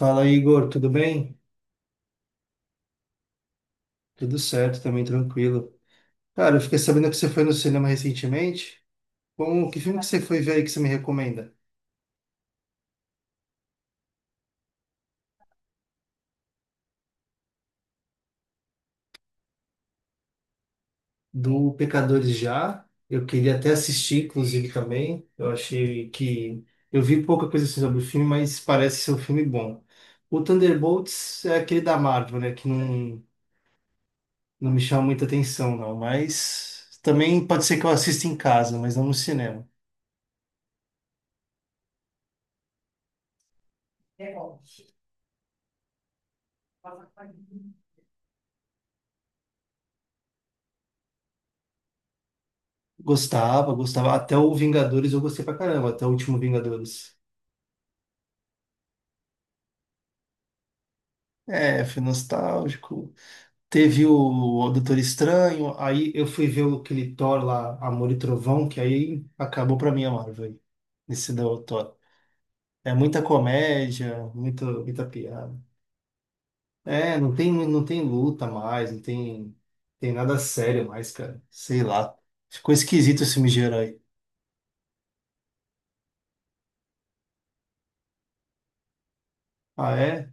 Fala, Igor, tudo bem? Tudo certo, também tranquilo. Cara, eu fiquei sabendo que você foi no cinema recentemente. Como, que filme que você foi ver aí que você me recomenda? Do Pecadores já. Eu queria até assistir, inclusive, também. Eu achei que. Eu vi pouca coisa assim sobre o filme, mas parece ser um filme bom. O Thunderbolts é aquele da Marvel, né? Que não, não me chama muita atenção, não. Mas também pode ser que eu assista em casa, mas não no cinema. Gostava, gostava. Até o Vingadores eu gostei pra caramba, até o último Vingadores. É, foi nostálgico. Teve o Doutor Estranho, aí eu fui ver aquele Thor lá, Amor e Trovão, que aí acabou pra mim a Marvel, aí, nesse do Thor. É muita comédia, muita piada. É, não tem luta mais, não tem, tem nada sério mais, cara. Sei lá. Ficou esquisito esse filme de herói. Ah, é?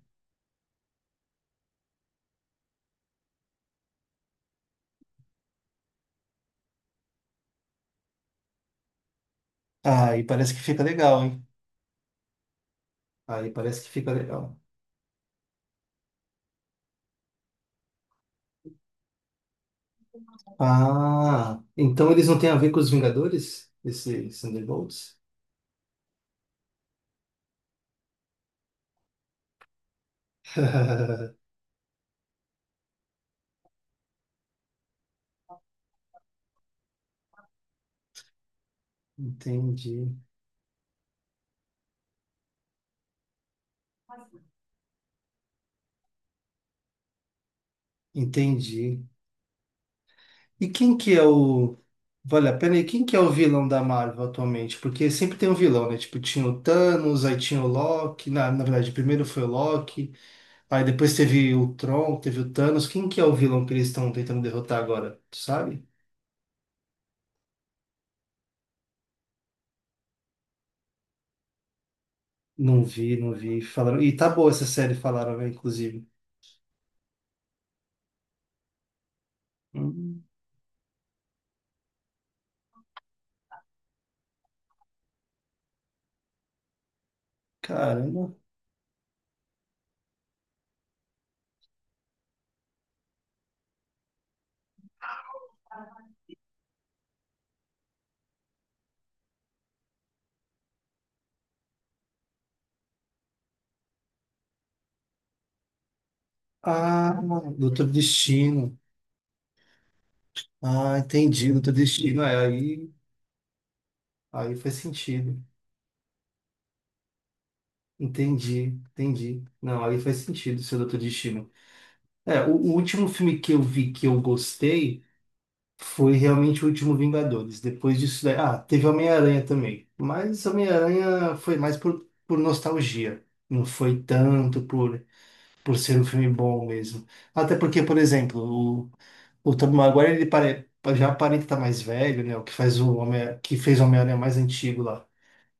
Ah, aí parece que fica legal, hein? Aí parece que fica legal. Ah, então eles não têm a ver com os Vingadores? Esses Thunderbolts? Entendi, entendi. E quem que é o. Vale a pena, e quem que é o vilão da Marvel atualmente? Porque sempre tem um vilão, né? Tipo, tinha o Thanos, aí tinha o Loki. Na verdade, primeiro foi o Loki, aí depois teve o Tron, teve o Thanos. Quem que é o vilão que eles estão tentando derrotar agora? Tu sabe? Não vi, não vi. Falaram. E tá boa essa série, falaram, né? Inclusive. Hum, caramba. Ah, Doutor Destino. Ah, entendi, Doutor Destino. É, aí, aí faz sentido. Entendi, entendi. Não, aí faz sentido seu Doutor Destino. É, o último filme que eu vi que eu gostei foi realmente o último Vingadores. Depois disso daí. Ah, teve Homem-Aranha também. Mas Homem-Aranha foi mais por nostalgia. Não foi tanto por ser um filme bom mesmo. Até porque, por exemplo, o Tobey Maguire ele já aparenta estar mais velho, né? O que faz o Homem, que fez o Homem-Aranha mais antigo lá.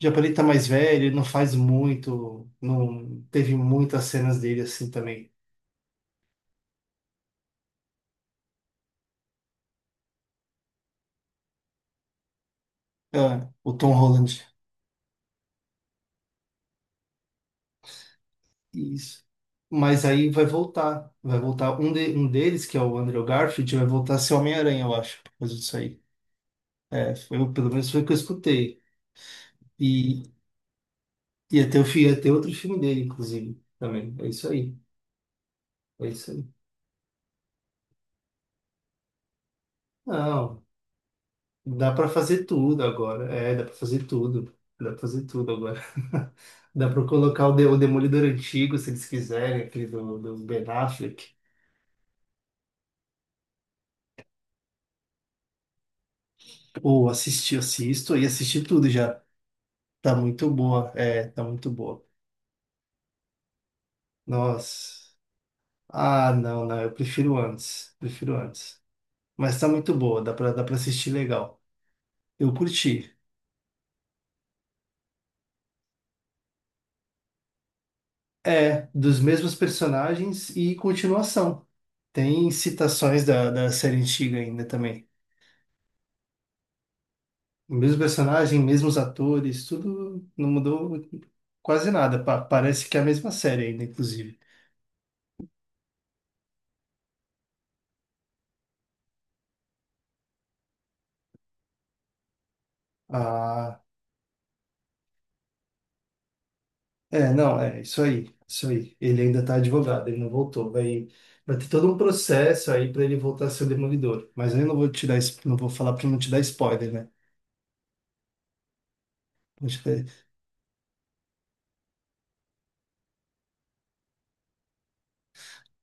Já aparenta estar mais velho, ele não faz muito, não teve muitas cenas dele assim também. Ah, o Tom Holland. Isso. Mas aí vai voltar. Vai voltar um deles, que é o Andrew Garfield, vai voltar a ser Homem-Aranha, eu acho, por causa disso aí. É, foi, pelo menos foi o que eu escutei. E, e até ia ter outro filme dele, inclusive, também. É isso aí. É isso aí. Não. Dá para fazer tudo agora. É, dá para fazer tudo. Dá para fazer tudo agora. Dá para colocar o Demolidor antigo, se eles quiserem, aquele do Ben Affleck. Ou assistir, assisto e assisti tudo já. Tá muito boa. É, tá muito boa. Nossa. Ah, não, não. Eu prefiro antes. Prefiro antes. Mas tá muito boa. Dá para assistir legal. Eu curti. É, dos mesmos personagens e continuação. Tem citações da série antiga ainda também. O mesmo personagem, mesmos atores, tudo não mudou quase nada. Parece que é a mesma série ainda, inclusive. Ah, é, não, é isso aí, isso aí. Ele ainda tá advogado, ele não voltou. Vai, vai ter todo um processo aí para ele voltar a ser o demolidor. Mas eu não vou te dar, não vou falar para não te dar spoiler, né? Vou te dar-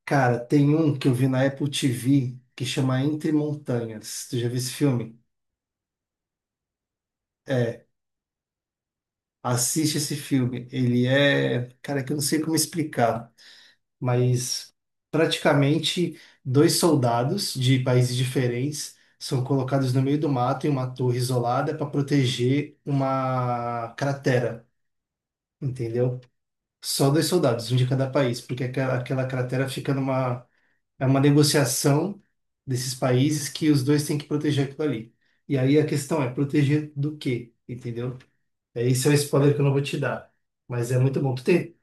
Cara, tem um que eu vi na Apple TV que chama Entre Montanhas. Tu já viu esse filme? É, assiste esse filme. Ele é, cara, que eu não sei como explicar. Mas praticamente dois soldados de países diferentes são colocados no meio do mato em uma torre isolada para proteger uma cratera, entendeu? Só dois soldados, um de cada país, porque aquela cratera fica numa é uma negociação desses países que os dois têm que proteger aquilo ali. E aí a questão é proteger do quê, entendeu? É, esse é o spoiler que eu não vou te dar, mas é muito bom. Tu tem,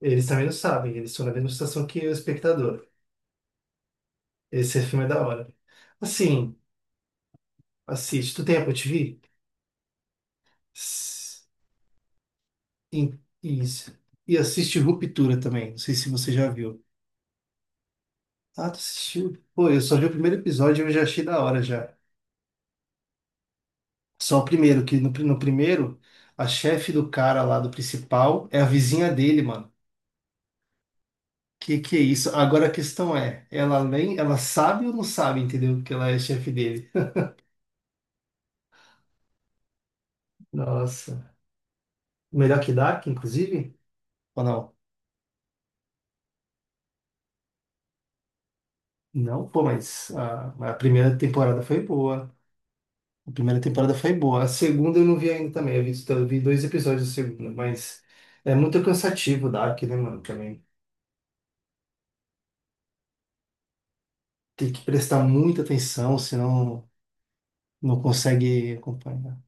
eles também não sabem, eles estão na mesma situação que o espectador. Esse filme é da hora. Assim, assiste. Tu tem Apple TV? S- Isso. E assiste Ruptura também. Não sei se você já viu. Ah, tu assistiu? Pô, eu só vi o primeiro episódio e eu já achei da hora já. Só o primeiro, que no primeiro, a chefe do cara lá do principal é a vizinha dele, mano. Que é isso? Agora a questão é, ela nem, ela sabe ou não sabe, entendeu? Que ela é chefe dele. Nossa. Melhor que Dark, inclusive? Ou não? Não, pô, mas a primeira temporada foi boa. A primeira temporada foi boa. A segunda eu não vi ainda também. Eu vi dois episódios da segunda, mas é muito cansativo o Dark, né, mano? Também tem que prestar muita atenção, senão não consegue acompanhar.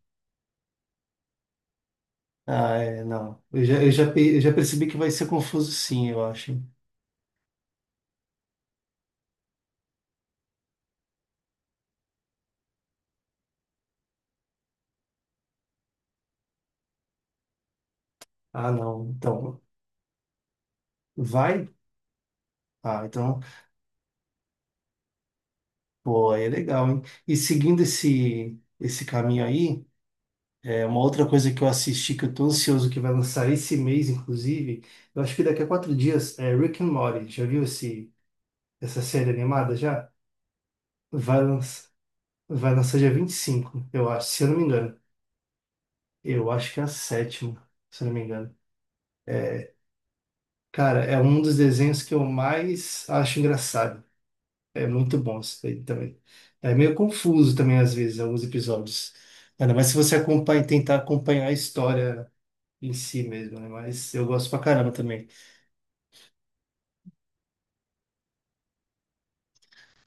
Ah, é, não. Eu já percebi que vai ser confuso, sim, eu acho. Hein? Ah, não. Então, vai? Ah, então, pô, aí é legal, hein? E seguindo esse caminho aí. É uma outra coisa que eu assisti, que eu tô ansioso, que vai lançar esse mês, inclusive, eu acho que daqui a quatro dias, é Rick and Morty. Já viu esse, essa série animada já? Vai lançar, vai lançar dia 25, eu acho, se eu não me engano. Eu acho que é a sétima, se eu não me engano. Cara, é um dos desenhos que eu mais acho engraçado. É muito bom isso daí também. É meio confuso também, às vezes, alguns episódios. Ainda mais se você acompanha, tentar acompanhar a história em si mesmo, né? Mas eu gosto pra caramba também.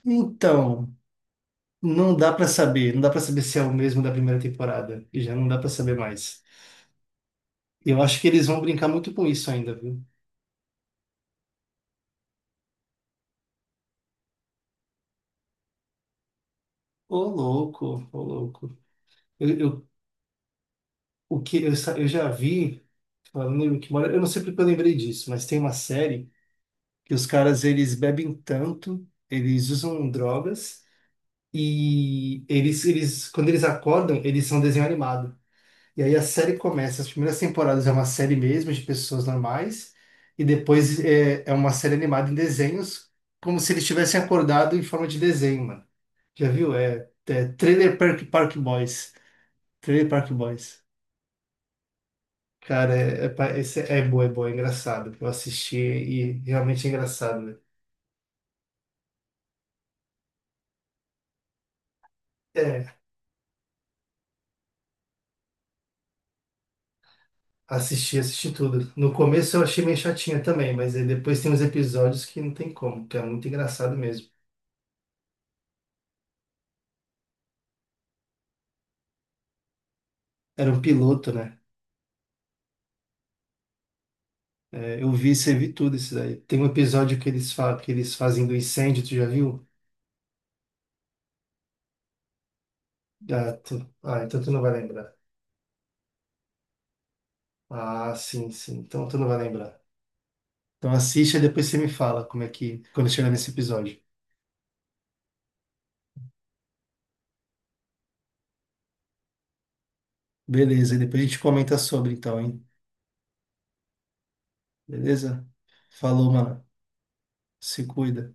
Então, não dá pra saber, não dá pra saber se é o mesmo da primeira temporada, e já não dá pra saber mais. Eu acho que eles vão brincar muito com isso ainda, viu? Ô louco, ô louco. Eu- o que eu, sa- eu já vi, falando em Rick and Morty, eu não sei porque eu lembrei disso, mas tem uma série que os caras eles bebem tanto, eles usam drogas e eles quando eles acordam, eles são desenho animado. E aí a série começa, as primeiras temporadas é uma série mesmo de pessoas normais, e depois é uma série animada em desenhos, como se eles tivessem acordado em forma de desenho, mano. Já viu? É, é Trailer Park, Park Boys. Trailer Park Boys. Cara, esse é bom, é bom, é engraçado. Eu assisti e realmente é engraçado, né? É, assisti, assisti tudo. No começo eu achei meio chatinha também, mas aí depois tem uns episódios que não tem como, que é muito engraçado mesmo. Era um piloto, né? É, eu vi, você vi tudo isso daí. Tem um episódio que eles, fa que eles fazem do incêndio, tu já viu? Ah, então tu não vai lembrar. Ah, sim, sim. Então tu não vai lembrar. Então assiste e depois você me fala como é que, quando chegar nesse episódio. Beleza, e depois a gente comenta sobre então, hein? Beleza? Falou, mano. Se cuida.